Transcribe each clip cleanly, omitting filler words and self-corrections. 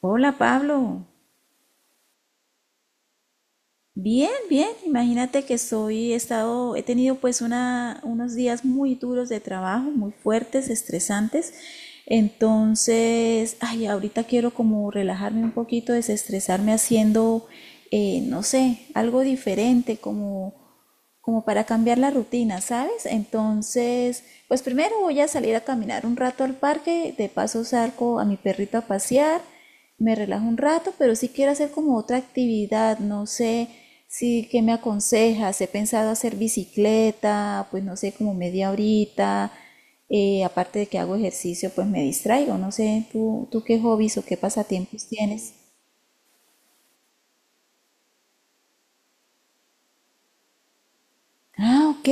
Hola Pablo, bien, bien. Imagínate que he tenido pues unos días muy duros de trabajo, muy fuertes, estresantes. Entonces, ay, ahorita quiero como relajarme un poquito, desestresarme haciendo, no sé, algo diferente, como para cambiar la rutina, ¿sabes? Entonces, pues primero voy a salir a caminar un rato al parque, de paso saco a mi perrito a pasear, me relajo un rato, pero sí quiero hacer como otra actividad, no sé si qué me aconsejas, he pensado hacer bicicleta, pues no sé, como media horita, aparte de que hago ejercicio, pues me distraigo, no sé, tú qué hobbies o qué pasatiempos tienes. Ah, ok.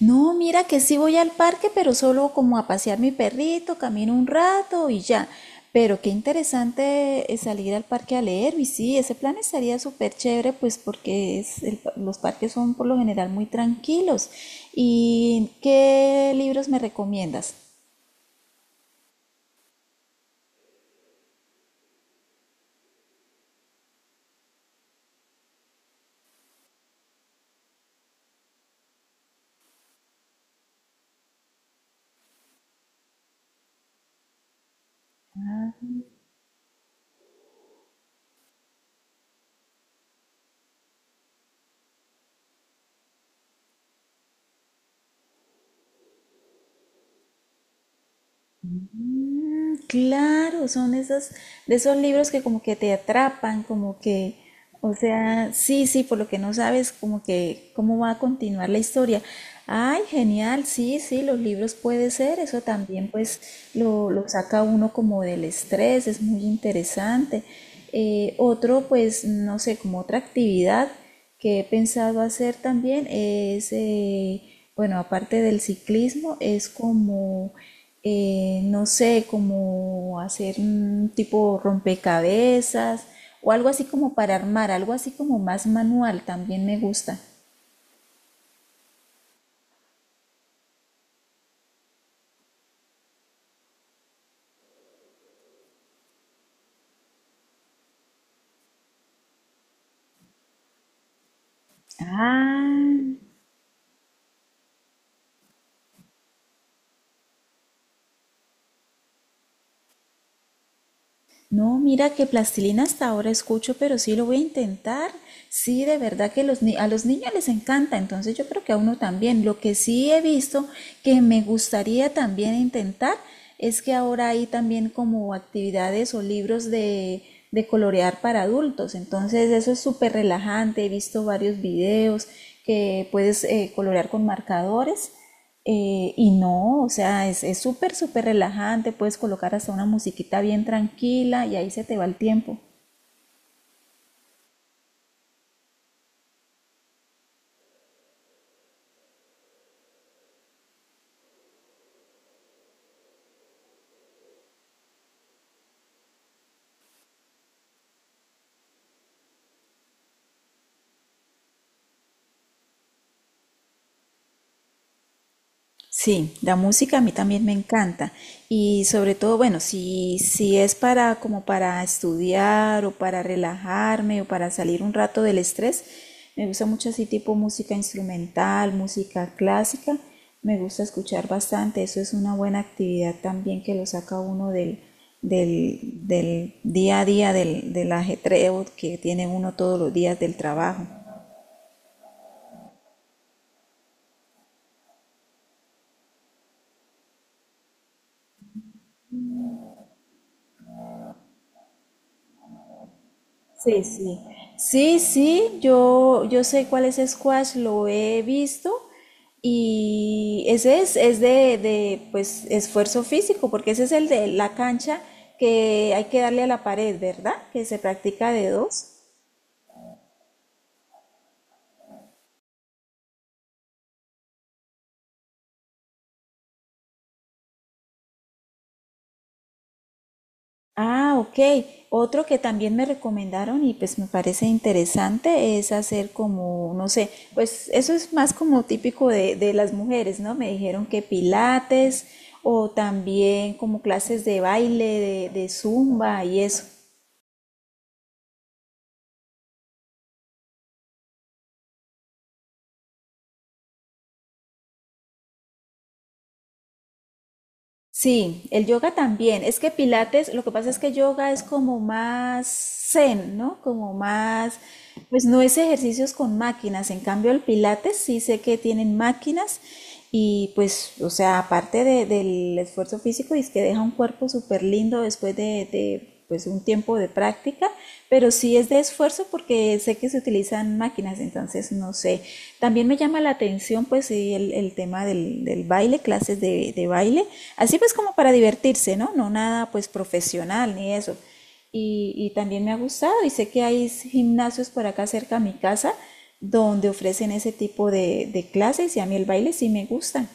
No, mira que sí voy al parque, pero solo como a pasear mi perrito, camino un rato y ya. Pero qué interesante salir al parque a leer. Y sí, ese plan estaría súper chévere, pues porque los parques son por lo general muy tranquilos. ¿Y qué libros me recomiendas? Mm, claro, son esas, de esos libros que como que te atrapan, como que, o sea, sí, sí, por lo que no sabes, como que cómo va a continuar la historia. Ay, genial, sí, sí, los libros puede ser, eso también pues lo saca uno como del estrés, es muy interesante. Otro, pues, no sé, como otra actividad que he pensado hacer también es, bueno, aparte del ciclismo, es como, no sé, como hacer un tipo rompecabezas o algo así como para armar, algo así como más manual, también me gusta. Ah. No, mira que plastilina hasta ahora escucho, pero sí lo voy a intentar. Sí, de verdad que los ni- a los niños les encanta, entonces yo creo que a uno también. Lo que sí he visto que me gustaría también intentar es que ahora hay también como actividades o libros de colorear para adultos. Entonces eso es súper relajante. He visto varios videos que puedes colorear con marcadores. Y no, o sea, es súper, súper relajante, puedes colocar hasta una musiquita bien tranquila y ahí se te va el tiempo. Sí, la música a mí también me encanta y sobre todo, bueno, si es para como para estudiar o para relajarme o para salir un rato del estrés, me gusta mucho así tipo música instrumental, música clásica, me gusta escuchar bastante, eso es una buena actividad también que lo saca uno del día a día, del ajetreo que tiene uno todos los días del trabajo. Sí, sí. Sí, sí, yo sé cuál es squash, lo he visto y ese es de pues, esfuerzo físico, porque ese es el de la cancha que hay que darle a la pared, ¿verdad? Que se practica de dos. Ah, ok. Otro que también me recomendaron y pues me parece interesante es hacer como, no sé, pues eso es más como típico de las mujeres, ¿no? Me dijeron que pilates o también como clases de baile, de zumba y eso. Sí, el yoga también. Es que pilates, lo que pasa es que yoga es como más zen, ¿no? Como más, pues no es ejercicios con máquinas. En cambio, el pilates sí sé que tienen máquinas y pues, o sea, del esfuerzo físico, es que deja un cuerpo súper lindo después de pues un tiempo de práctica, pero sí es de esfuerzo porque sé que se utilizan máquinas, entonces no sé. También me llama la atención pues sí, el tema del baile, clases de baile, así pues como para divertirse, ¿no? No nada pues profesional ni eso. Y también me ha gustado y sé que hay gimnasios por acá cerca a mi casa donde ofrecen ese tipo de clases y a mí el baile sí me gusta.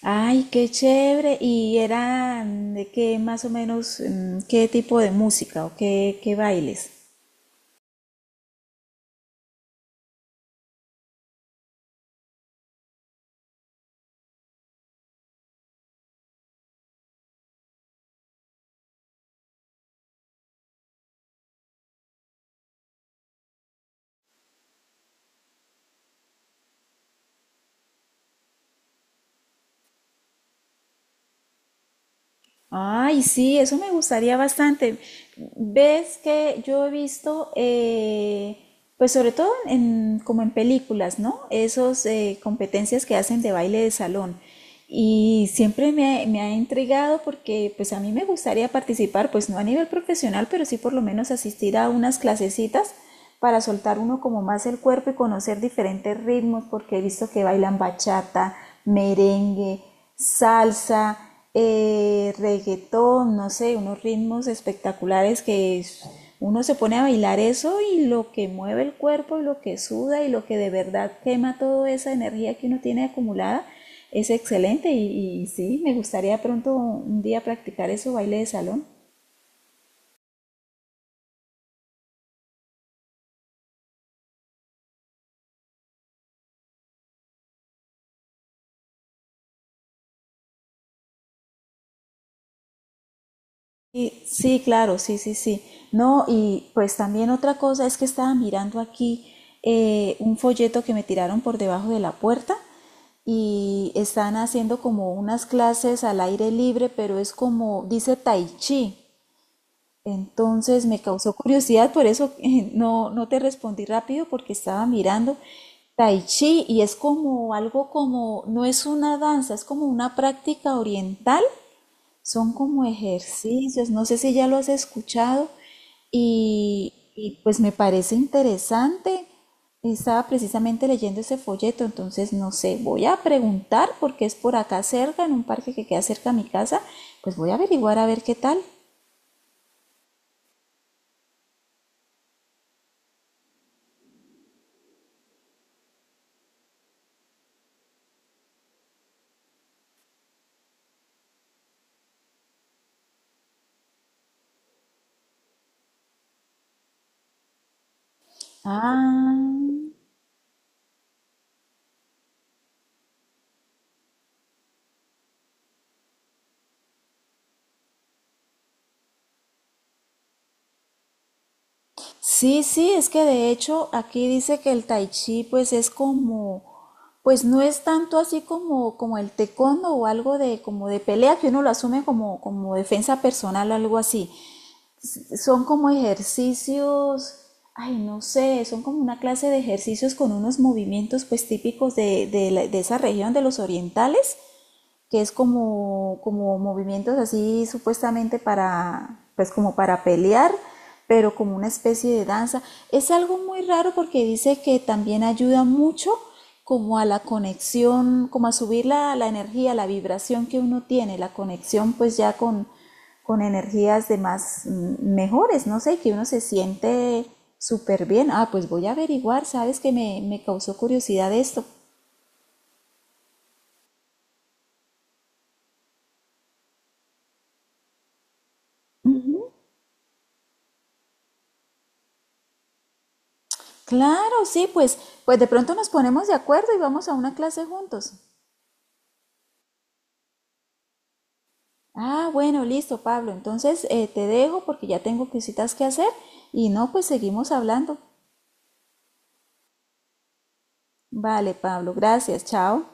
Ay, qué chévere. ¿Y eran de qué más o menos, mm, qué tipo de música o qué, qué bailes? Ay, sí, eso me gustaría bastante. Ves que yo he visto, pues sobre todo en, como en películas, ¿no? Esos competencias que hacen de baile de salón. Y siempre me ha intrigado porque pues a mí me gustaría participar, pues no a nivel profesional, pero sí por lo menos asistir a unas clasecitas para soltar uno como más el cuerpo y conocer diferentes ritmos, porque he visto que bailan bachata, merengue, salsa, reggaetón, no sé, unos ritmos espectaculares uno se pone a bailar eso y lo que mueve el cuerpo y lo que suda y lo que de verdad quema toda esa energía que uno tiene acumulada es excelente y sí, me gustaría pronto un día practicar eso, baile de salón. Sí, sí, claro, sí, sí, sí. No, y pues también otra cosa es que estaba mirando aquí un folleto que me tiraron por debajo de la puerta y están haciendo como unas clases al aire libre, pero es como, dice tai chi. Entonces me causó curiosidad, por eso no te respondí rápido porque estaba mirando tai chi y es como algo como, no es una danza, es como una práctica oriental son como ejercicios, no sé si ya lo has escuchado y, pues me parece interesante. Estaba precisamente leyendo ese folleto, entonces no sé, voy a preguntar porque es por acá cerca, en un parque que queda cerca a mi casa, pues voy a averiguar a ver qué tal. Ah. Sí, sí, es que de hecho aquí dice que el tai chi pues es como, pues no es tanto así como, como el taekwondo o algo de como de pelea que uno lo asume como, como defensa personal o algo así. Son como ejercicios, ay no sé, son como una clase de ejercicios con unos movimientos pues típicos de, de esa región de los orientales que es como, como movimientos así supuestamente para, pues como para pelear, pero como una especie de danza. Es algo muy raro porque dice que también ayuda mucho como a la conexión, como a subir la energía, la vibración que uno tiene, la conexión pues ya con energías de más mm, mejores, no sé, que uno se siente súper bien. Ah, pues voy a averiguar, sabes que me causó curiosidad esto. Claro, sí, pues, pues de pronto nos ponemos de acuerdo y vamos a una clase juntos. Ah, bueno, listo, Pablo. Entonces te dejo porque ya tengo cositas que hacer y no, pues seguimos hablando. Vale, Pablo, gracias, chao.